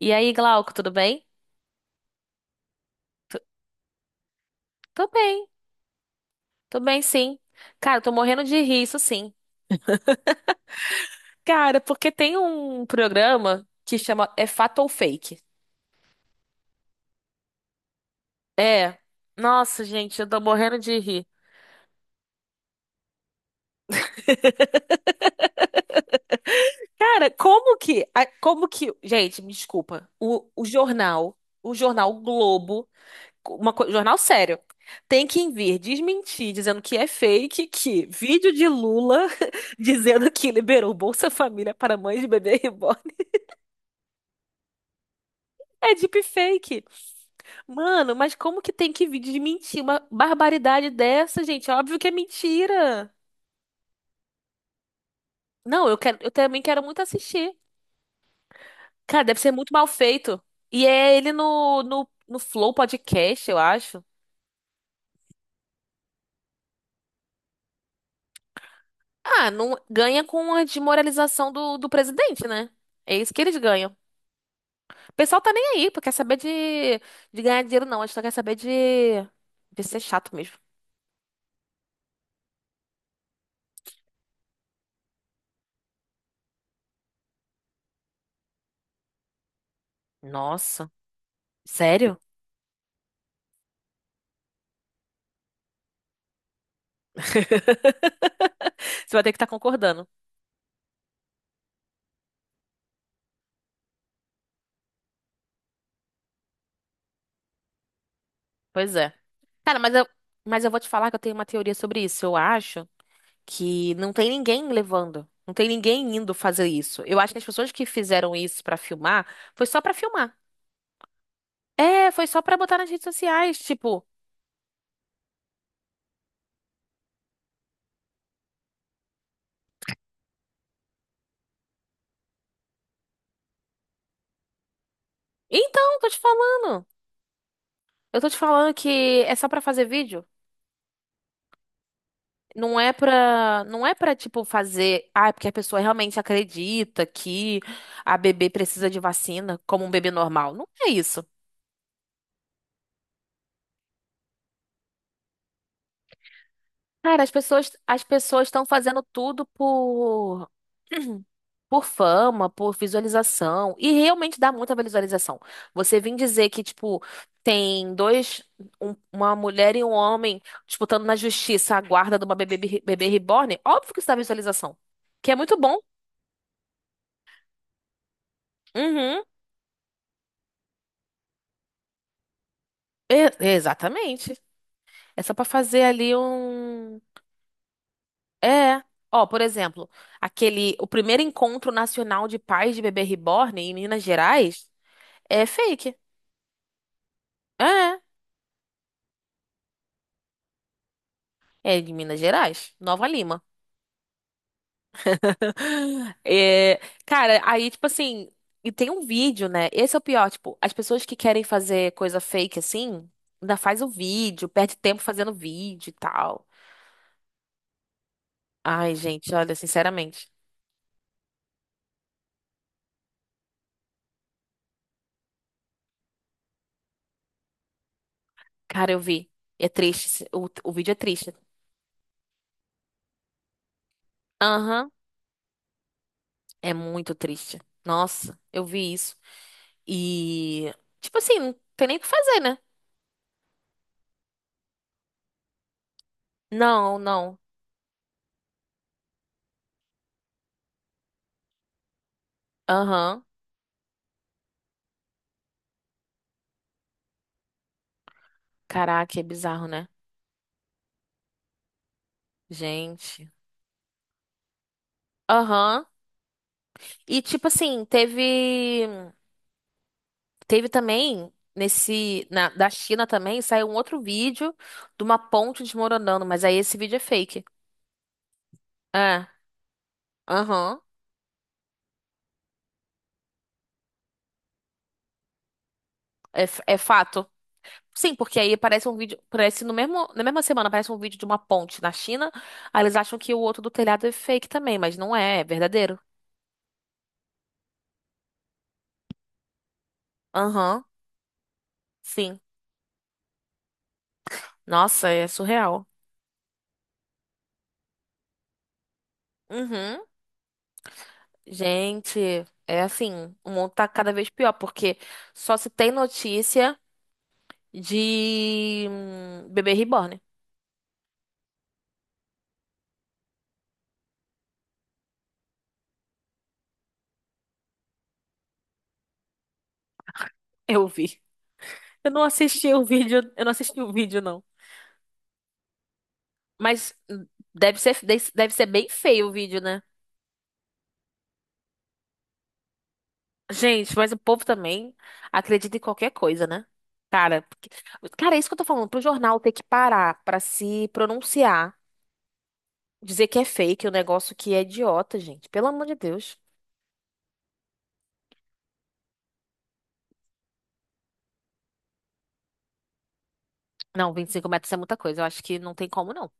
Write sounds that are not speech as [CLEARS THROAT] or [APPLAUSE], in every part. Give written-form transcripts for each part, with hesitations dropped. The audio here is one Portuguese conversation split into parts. E aí, Glauco, tudo bem? Tô bem, tô bem sim. Cara, tô morrendo de rir, isso sim. Cara, porque tem um programa que chama É Fato ou Fake? É. Nossa, gente, eu tô morrendo de rir. Cara, como que, gente, me desculpa, o jornal, o jornal Globo, jornal sério, tem que vir desmentir, dizendo que é fake, que vídeo de Lula [LAUGHS] dizendo que liberou Bolsa Família para mães de bebê reborn é deepfake. Mano, mas como que tem que vir de mentir uma barbaridade dessa, gente? É óbvio que é mentira. Não, eu quero, eu também quero muito assistir. Cara, deve ser muito mal feito. E é ele no, no Flow Podcast, eu acho. Ah, não ganha com a desmoralização do presidente, né? É isso que eles ganham. O pessoal tá nem aí, porque quer saber de ganhar dinheiro, não. A gente só quer saber de ser chato mesmo. Nossa, sério? [LAUGHS] Você vai ter que estar concordando. Pois é. Cara, mas eu vou te falar que eu tenho uma teoria sobre isso. Eu acho que não tem ninguém levando. Não tem ninguém indo fazer isso. Eu acho que as pessoas que fizeram isso pra filmar foi só pra filmar. É, foi só pra botar nas redes sociais. Tipo, então, tô te falando. Eu tô te falando que é só pra fazer vídeo. Não é pra, tipo, fazer. Ah, é porque a pessoa realmente acredita que a bebê precisa de vacina como um bebê normal. Não é isso. Cara, as pessoas estão fazendo tudo por [CLEARS THROAT] por fama, por visualização, e realmente dá muita visualização. Você vem dizer que, tipo, tem dois, uma mulher e um homem disputando na justiça a guarda de uma bebê, bebê reborn, óbvio que isso dá visualização, que é muito bom. Uhum, exatamente. É só pra fazer ali um. É. Ó, por exemplo, aquele, o primeiro encontro nacional de pais de bebê reborn em Minas Gerais. É fake. É. É de Minas Gerais, Nova Lima. [LAUGHS] É, cara, aí, tipo assim, e tem um vídeo, né? Esse é o pior, tipo, as pessoas que querem fazer coisa fake assim, ainda faz o vídeo, perde tempo fazendo vídeo e tal. Ai, gente, olha, sinceramente. Cara, eu vi. É triste. O vídeo é triste. Aham, é muito triste. Nossa, eu vi isso. E, tipo assim, não tem nem o que fazer, né? Não, não. Aham. Caraca, é bizarro, né? Gente. Aham. E tipo assim, teve também nesse na da China também saiu um outro vídeo de uma ponte desmoronando, mas aí esse vídeo é fake. É. Aham. É, é fato. Sim, porque aí parece um vídeo, parece no mesmo, na mesma semana aparece um vídeo de uma ponte na China, aí eles acham que o outro do telhado é fake também, mas não é, é verdadeiro. Aham. Sim. Nossa, é surreal. Uhum. Gente, é assim, o mundo tá cada vez pior, porque só se tem notícia de bebê reborn. [LAUGHS] Eu vi. Eu não assisti o vídeo, eu não assisti o vídeo, não. Mas deve ser, deve ser bem feio o vídeo, né? Gente, mas o povo também acredita em qualquer coisa, né? Cara, cara, é isso que eu tô falando. Pro jornal ter que parar pra se pronunciar, dizer que é fake, o negócio que é idiota, gente. Pelo amor de Deus. Não, 25 metros é muita coisa. Eu acho que não tem como, não.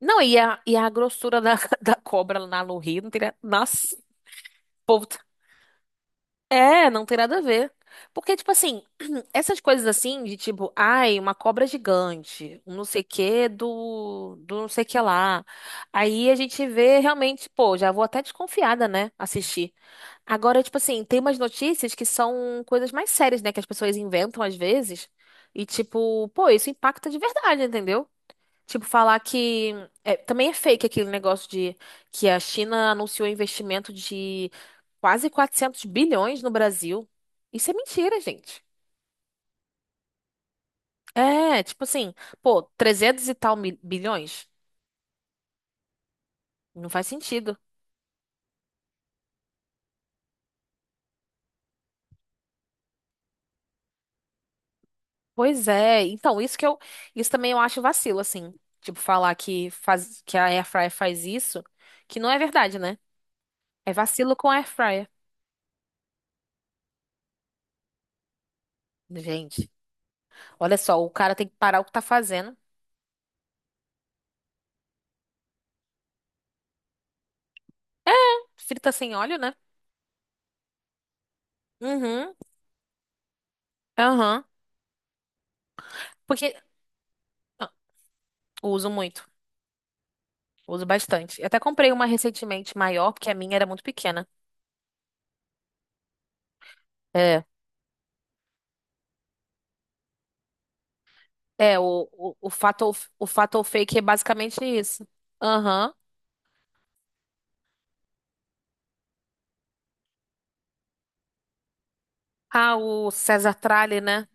Não, e a, grossura da, [LAUGHS] da cobra lá no Rio não teria. Nossa, o povo. É, não tem nada a ver. Porque, tipo assim, [CLEARS THROAT] essas coisas assim, de tipo, ai, uma cobra gigante, um não sei o quê do não sei o que lá. Aí a gente vê realmente, pô, já vou até desconfiada, né? Assistir. Agora, tipo assim, tem umas notícias que são coisas mais sérias, né? Que as pessoas inventam às vezes. E, tipo, pô, isso impacta de verdade, entendeu? Tipo, falar que. É, também é fake aquele negócio de que a China anunciou investimento de quase 400 bilhões no Brasil. Isso é mentira, gente. É, tipo assim, pô, 300 e tal bilhões? Não faz sentido. Pois é, então isso que eu, isso também eu acho vacilo, assim, tipo falar que faz, que a Airfryer faz isso, que não é verdade, né? É vacilo com a Airfryer. Gente, olha só, o cara tem que parar o que tá fazendo. É, frita sem óleo, né? Uhum. Aham. Porque ah, uso muito, uso bastante. Eu até comprei uma recentemente maior, porque a minha era muito pequena. É. É, o fato ou fake é basicamente isso. Aham. Ah, o César Tralli, né?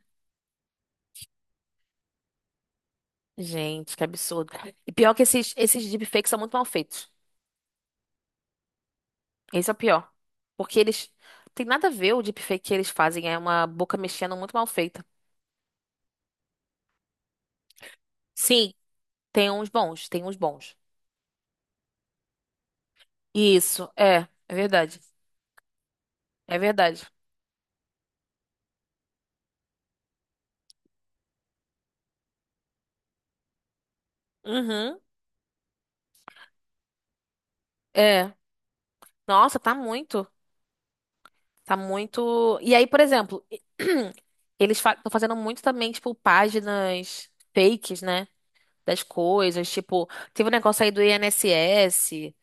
Gente, que absurdo. E pior que esses deepfakes são muito mal feitos. Esse é o pior. Porque eles. Tem nada a ver o deepfake que eles fazem. É uma boca mexendo muito mal feita. Sim, tem uns bons, tem uns bons. Isso, é. É verdade. É verdade. Uhum. É. Nossa, tá muito. Tá muito. E aí, por exemplo, [CLEARS THROAT] eles estão fazendo muito também, tipo, páginas fakes, né? Das coisas. Tipo, teve um negócio aí do INSS,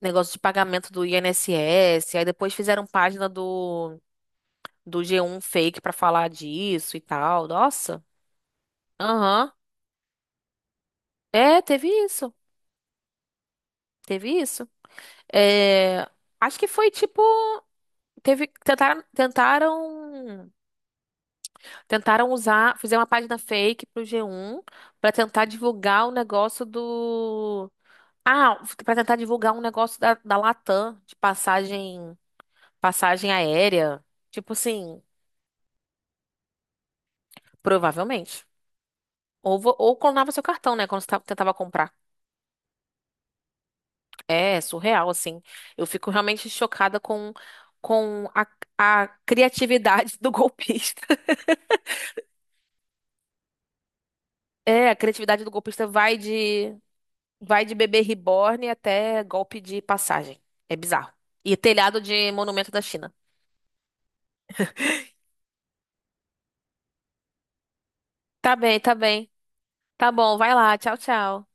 negócio de pagamento do INSS. Aí depois fizeram página do G1 fake pra falar disso e tal. Nossa. Aham. É, teve isso. Teve isso. É, acho que foi tipo. Teve, tentaram. Tentaram usar, fizeram uma página fake pro G1 pra tentar divulgar o negócio do. Ah, pra tentar divulgar um negócio da, Latam, de passagem aérea. Tipo assim, provavelmente. Ou clonava seu cartão, né? Quando você tentava comprar. É surreal, assim. Eu fico realmente chocada com a criatividade do golpista. [LAUGHS] É, a criatividade do golpista vai de bebê reborn até golpe de passagem. É bizarro. E telhado de monumento da China. Tá bem, tá bem. Tá bom, vai lá. Tchau, tchau.